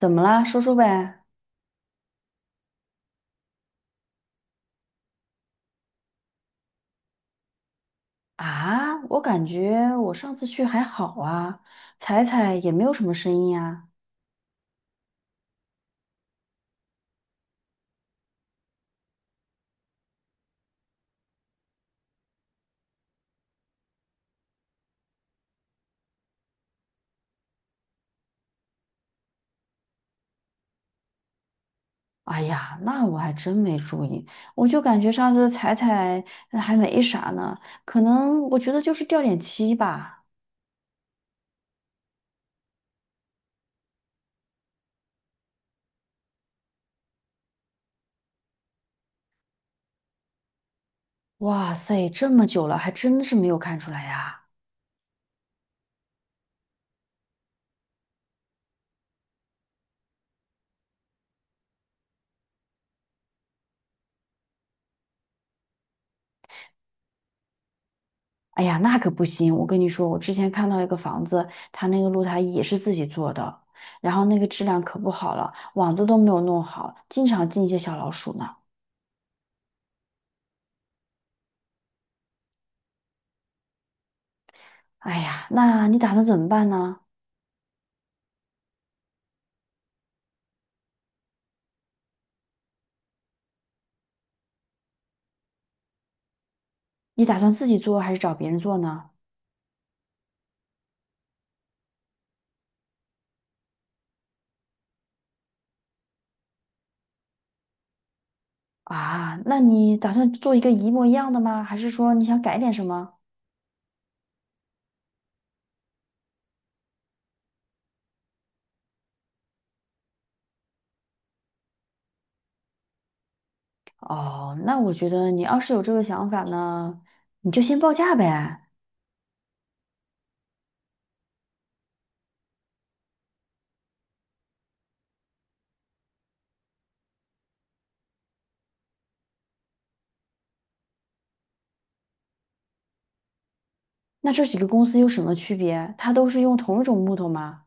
怎么啦？说说呗。啊，我感觉我上次去还好啊，踩踩也没有什么声音啊。哎呀，那我还真没注意，我就感觉上次踩踩还没啥呢，可能我觉得就是掉点漆吧。哇塞，这么久了还真是没有看出来呀。哎呀，那可不行，我跟你说，我之前看到一个房子，它那个露台也是自己做的，然后那个质量可不好了，网子都没有弄好，经常进一些小老鼠呢。哎呀，那你打算怎么办呢？你打算自己做还是找别人做呢？啊，那你打算做一个一模一样的吗？还是说你想改点什么？哦，那我觉得你要是有这个想法呢，你就先报价呗。那这几个公司有什么区别？它都是用同一种木头吗？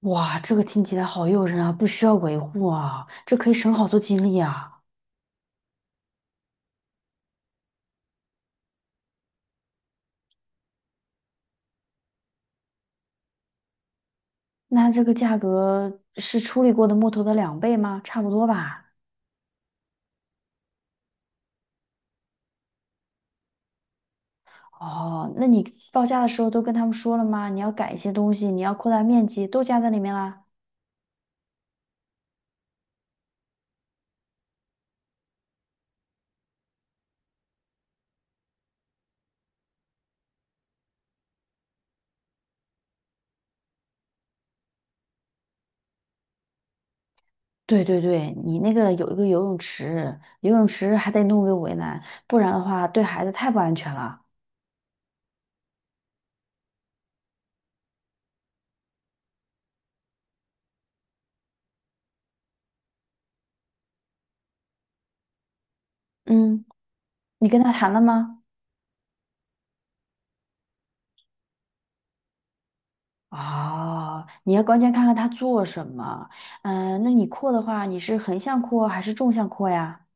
哇，这个听起来好诱人啊，不需要维护啊，这可以省好多精力啊。那这个价格是处理过的木头的两倍吗？差不多吧。哦，那你报价的时候都跟他们说了吗？你要改一些东西，你要扩大面积，都加在里面啦。对对对，你那个有一个游泳池，游泳池还得弄个围栏，不然的话对孩子太不安全了。嗯，你跟他谈了吗？哦，你要关键看看他做什么。嗯、那你扩的话，你是横向扩还是纵向扩呀？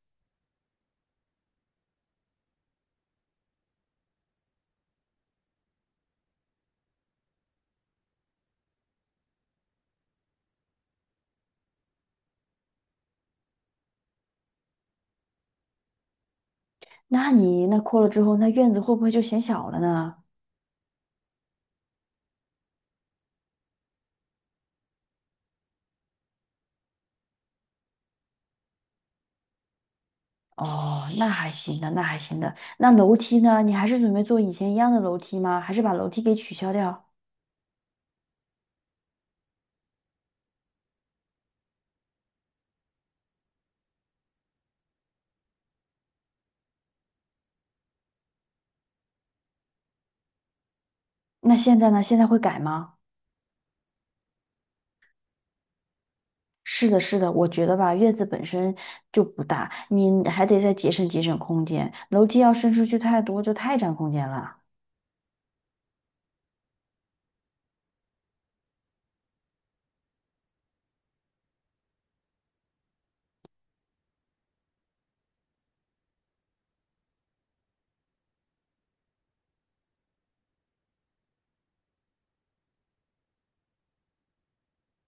那你那扩了之后，那院子会不会就显小了呢？哦，那还行的，那还行的。那楼梯呢？你还是准备做以前一样的楼梯吗？还是把楼梯给取消掉？那现在呢？现在会改吗？是的，是的，我觉得吧，院子本身就不大，你还得再节省节省空间。楼梯要伸出去太多，就太占空间了。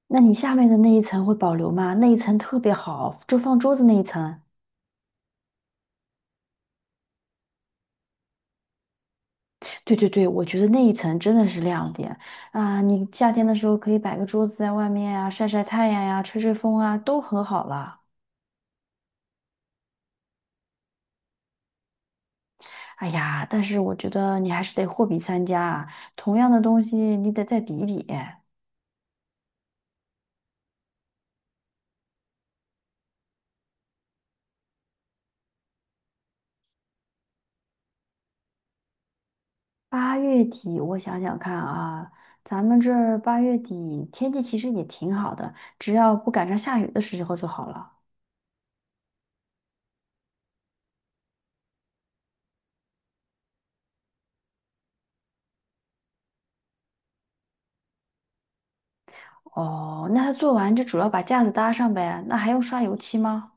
那你下面的那一层会保留吗？那一层特别好，就放桌子那一层。对对对，我觉得那一层真的是亮点啊！你夏天的时候可以摆个桌子在外面啊，晒晒太阳呀、吹吹风啊，都很好了。哎呀，但是我觉得你还是得货比三家啊，同样的东西你得再比一比。八月底，我想想看啊，咱们这儿八月底天气其实也挺好的，只要不赶上下雨的时候就好了。哦，那他做完就主要把架子搭上呗，那还用刷油漆吗？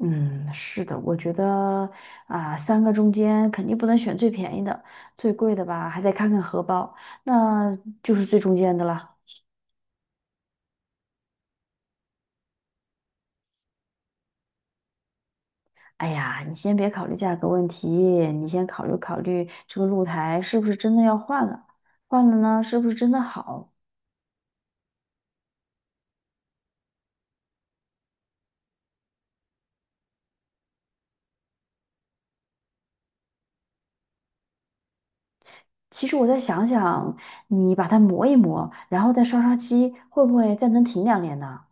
嗯，是的，我觉得啊，三个中间肯定不能选最便宜的，最贵的吧，还得看看荷包，那就是最中间的了。哎呀，你先别考虑价格问题，你先考虑考虑这个露台是不是真的要换了，换了呢，是不是真的好？其实我再想想，你把它磨一磨，然后再刷刷漆，会不会再能挺两年呢？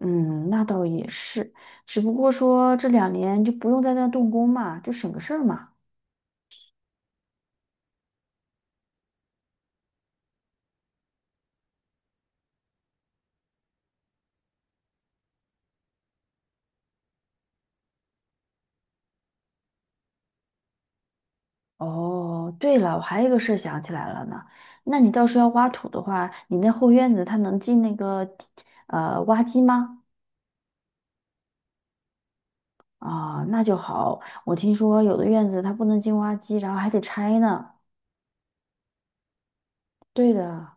嗯，那倒也是，只不过说这两年就不用在那动工嘛，就省个事儿嘛。哦，对了，我还有一个事儿想起来了呢，那你到时候要挖土的话，你那后院子它能进那个挖机吗？啊，那就好。我听说有的院子它不能进挖机，然后还得拆呢。对的，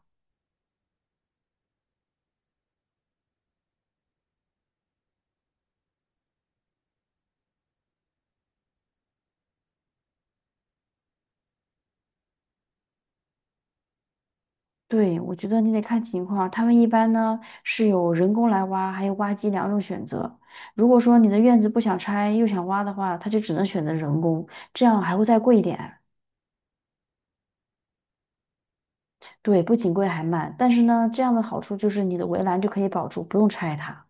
对，我觉得你得看情况。他们一般呢是有人工来挖，还有挖机两种选择。如果说你的院子不想拆又想挖的话，他就只能选择人工，这样还会再贵一点。对，不仅贵还慢，但是呢，这样的好处就是你的围栏就可以保住，不用拆它。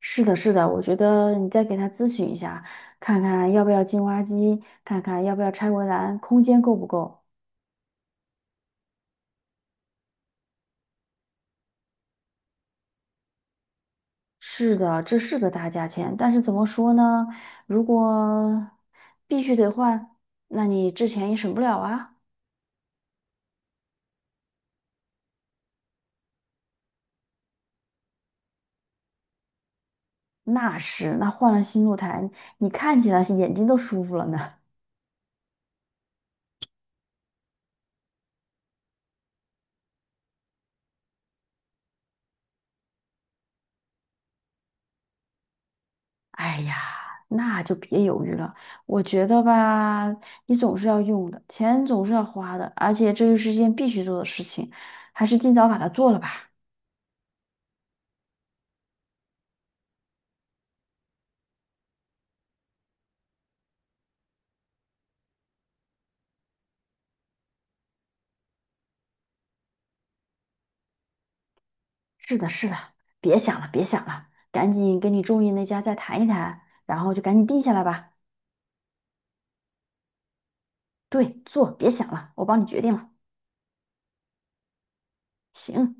是的，是的，我觉得你再给他咨询一下，看看要不要进挖机，看看要不要拆围栏，空间够不够。是的，这是个大价钱，但是怎么说呢？如果必须得换，那你之前也省不了啊。那是，那换了新露台，你看起来是眼睛都舒服了呢。哎呀，那就别犹豫了。我觉得吧，你总是要用的，钱总是要花的，而且这又是一件必须做的事情，还是尽早把它做了吧。是的，是的，别想了，别想了，赶紧跟你中意那家再谈一谈，然后就赶紧定下来吧。对，做，别想了，我帮你决定了。行，